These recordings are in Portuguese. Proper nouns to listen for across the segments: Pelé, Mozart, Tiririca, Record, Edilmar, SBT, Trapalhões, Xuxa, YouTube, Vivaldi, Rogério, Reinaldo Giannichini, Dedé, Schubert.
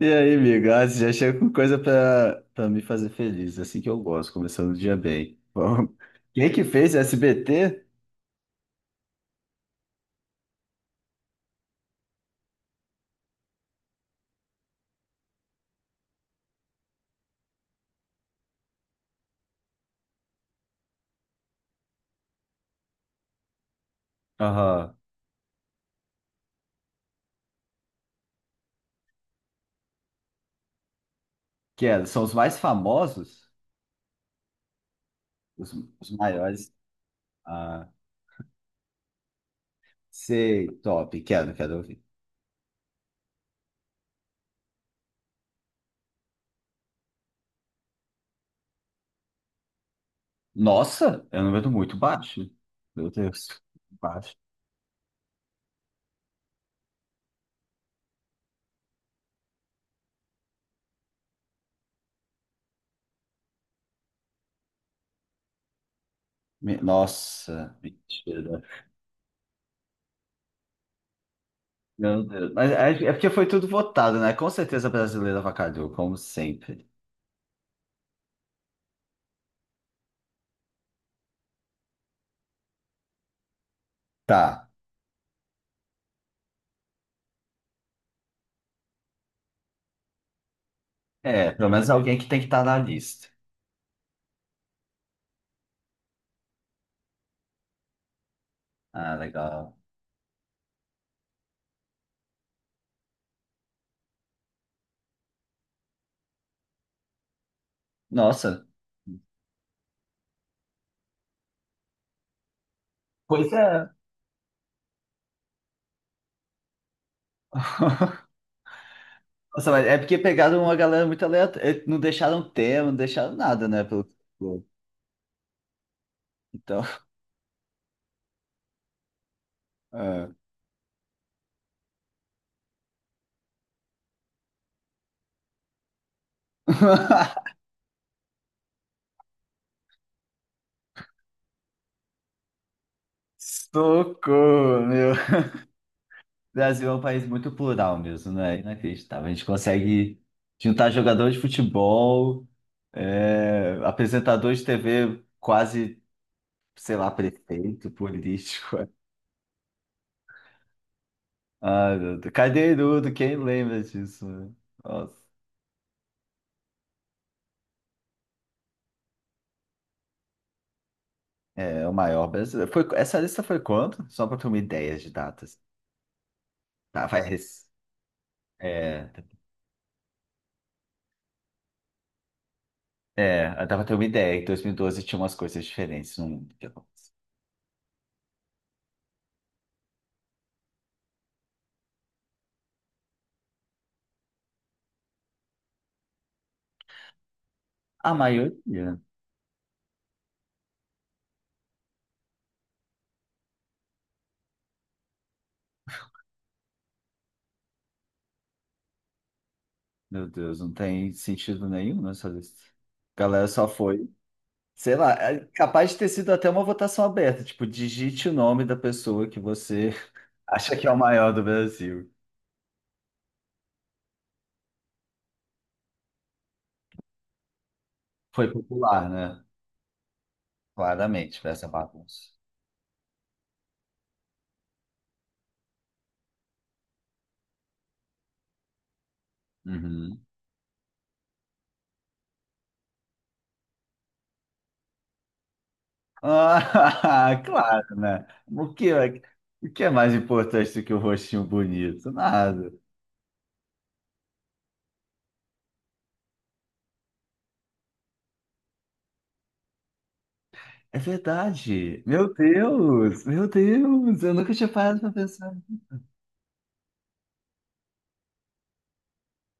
E aí, amigo? Ah, você já chega com coisa pra me fazer feliz. Assim que eu gosto, começando o dia bem. Vamos. Quem que fez SBT? Aham. Que é, são os mais famosos, os, os maiores. Ah, sei, top. Quero ouvir. Nossa, é um número muito baixo. Meu Deus, baixo. Nossa, mentira. Meu Deus. Mas é porque foi tudo votado, né? Com certeza a brasileira avacalhou, como sempre. Tá. É, pelo menos alguém que tem que estar na lista. Ah, legal. Nossa. Pois é. Nossa, mas é porque pegaram uma galera muito aleatória. Não deixaram tema, não deixaram nada, né? Pelo… Então. É. Socorro, meu. O Brasil é um país muito plural mesmo, né? Inacreditável. A gente consegue juntar jogador de futebol, é, apresentador de TV, quase, sei lá, prefeito, político. Ah, meu Deus. Cadeirudo, quem lembra disso, né? Nossa. É o maior brasileiro. Foi, essa lista foi quanto? Só para ter uma ideia de datas. Tá, vai. É, dá pra ter uma ideia. Em 2012 tinha umas coisas diferentes no mundo. A maioria, meu Deus, não tem sentido nenhum nessa lista. A galera só foi, sei lá, é capaz de ter sido até uma votação aberta. Tipo, digite o nome da pessoa que você acha que é o maior do Brasil. Foi popular, né? Claramente, foi essa bagunça. Uhum. Ah, claro, né? O que é mais importante do que o rostinho bonito? Nada. É verdade. Meu Deus, eu nunca tinha parado pra pensar.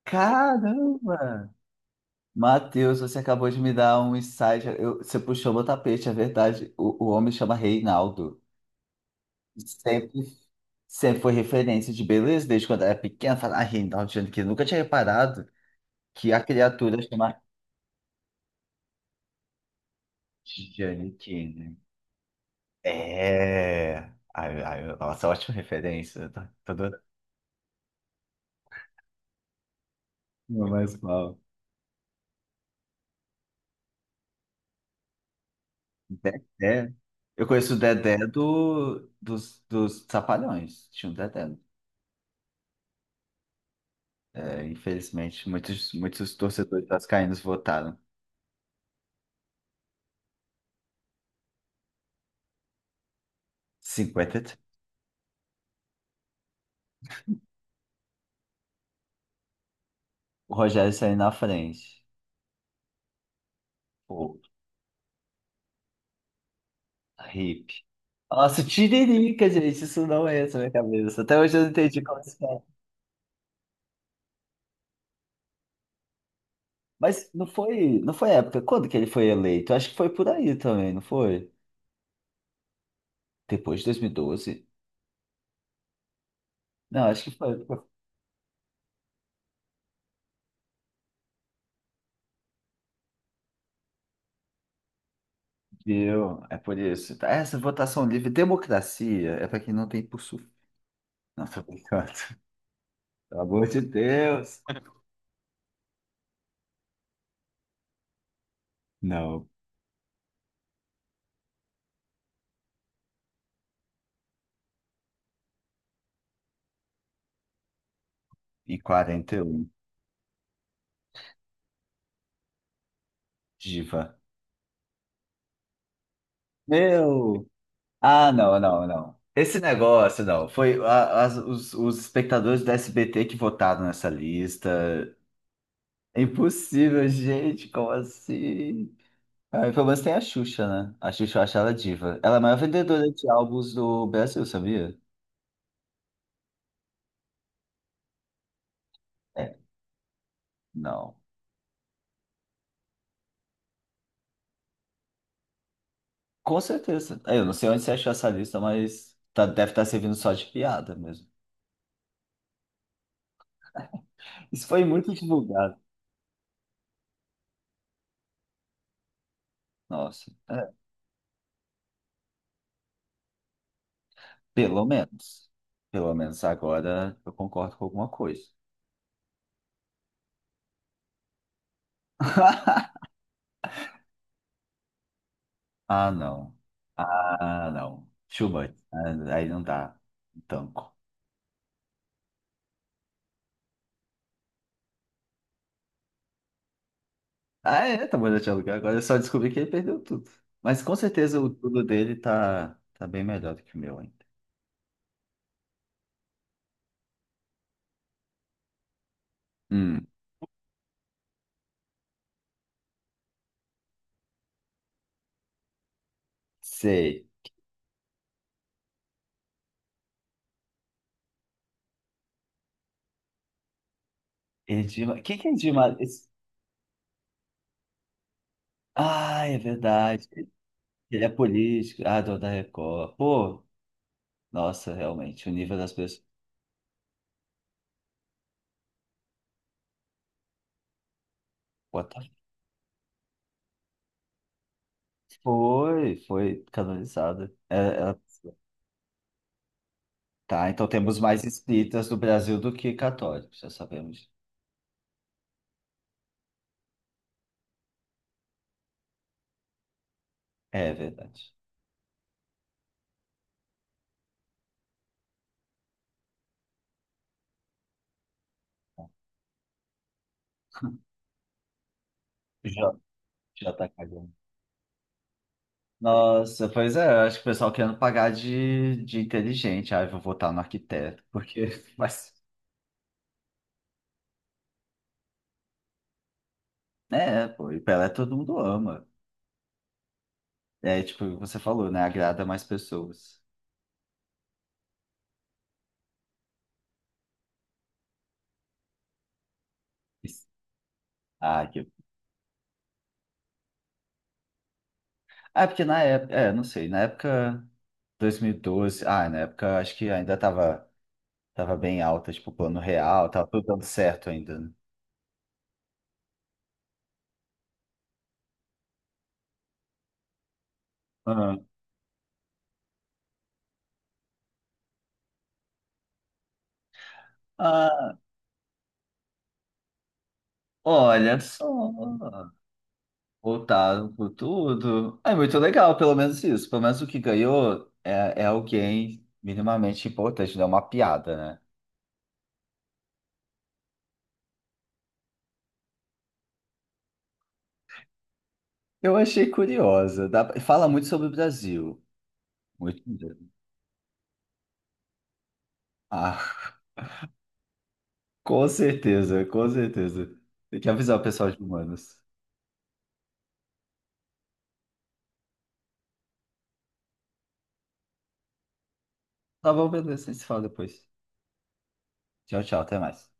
Caramba! Matheus, você acabou de me dar um insight. Você puxou meu tapete, é verdade. O homem chama Reinaldo. Sempre, sempre foi referência de beleza, desde quando eu era pequena. Falar, ah, Reinaldo Giannichini. Nunca tinha reparado que a criatura chama Giannichini. É. Ai, ai, nossa, ótima referência. Tá, tá adorando. Não mais mal. Dedé. Eu conheço o Dedé dos Trapalhões. Tinha um Dedé. É, infelizmente, muitos, muitos torcedores vascaínos votaram. 53. O Rogério saiu na frente. Pô, hippie. Nossa, tiririca, gente, isso não é na minha cabeça. Até hoje eu não entendi como isso é. Mas não foi época. Quando que ele foi eleito? Acho que foi por aí também, não foi? Depois de 2012. Não, acho que foi. Deu. É por isso. Tá. Essa votação livre, democracia, é para quem não tem por sul. Não, tô brincando. Pelo amor de Deus. Não. E 41, diva. Meu! Ah, não, não, não. Esse negócio, não. Foi os espectadores do SBT que votaram nessa lista. É impossível, gente. Como assim? Ah, pelo menos tem a Xuxa, né? A Xuxa eu acho ela diva. Ela é a maior vendedora de álbuns do Brasil, sabia? É, não. Com certeza. É, eu não sei onde você achou essa lista, mas deve estar servindo só de piada mesmo. Isso foi muito divulgado. Nossa. É, pelo menos. Pelo menos agora eu concordo com alguma coisa. Ah, não. Ah, não. Schubert. Ah, aí não dá. Tanco. Ah, é, tá bom, já tinha lugar. Agora eu só descobri que ele perdeu tudo. Mas com certeza o tudo dele tá bem melhor do que o meu ainda. Hum, sei. Edilmar. O que que é Edilmar? Ah, é verdade. Ele é político. Ah, do da Record. Pô, nossa, realmente, o nível das pessoas. What the- Foi canonizada. É, é- tá, então temos mais espíritas no Brasil do que católicos, já sabemos. É verdade. Já, já tá cagando. Nossa, pois é, eu acho que o pessoal querendo pagar de inteligente. Ah, eu vou votar no arquiteto, porque. Mas, é, pô, e Pelé todo mundo ama. É, tipo, você falou, né? Agrada mais pessoas. Ah, que é porque na época, é, não sei, na época 2012, ah, na época acho que ainda tava bem alta, tipo, o plano real, tava tudo dando certo ainda, né? Ah, ah, olha só, voltaram com tudo. É muito legal, pelo menos isso. Pelo menos o que ganhou é alguém minimamente importante, não é uma piada, né? Eu achei curiosa. Fala muito sobre o Brasil. Muito mesmo. Ah, com certeza, com certeza. Tem que avisar o pessoal de humanos. Tá bom, beleza. A gente se fala depois. Tchau, tchau. Até mais.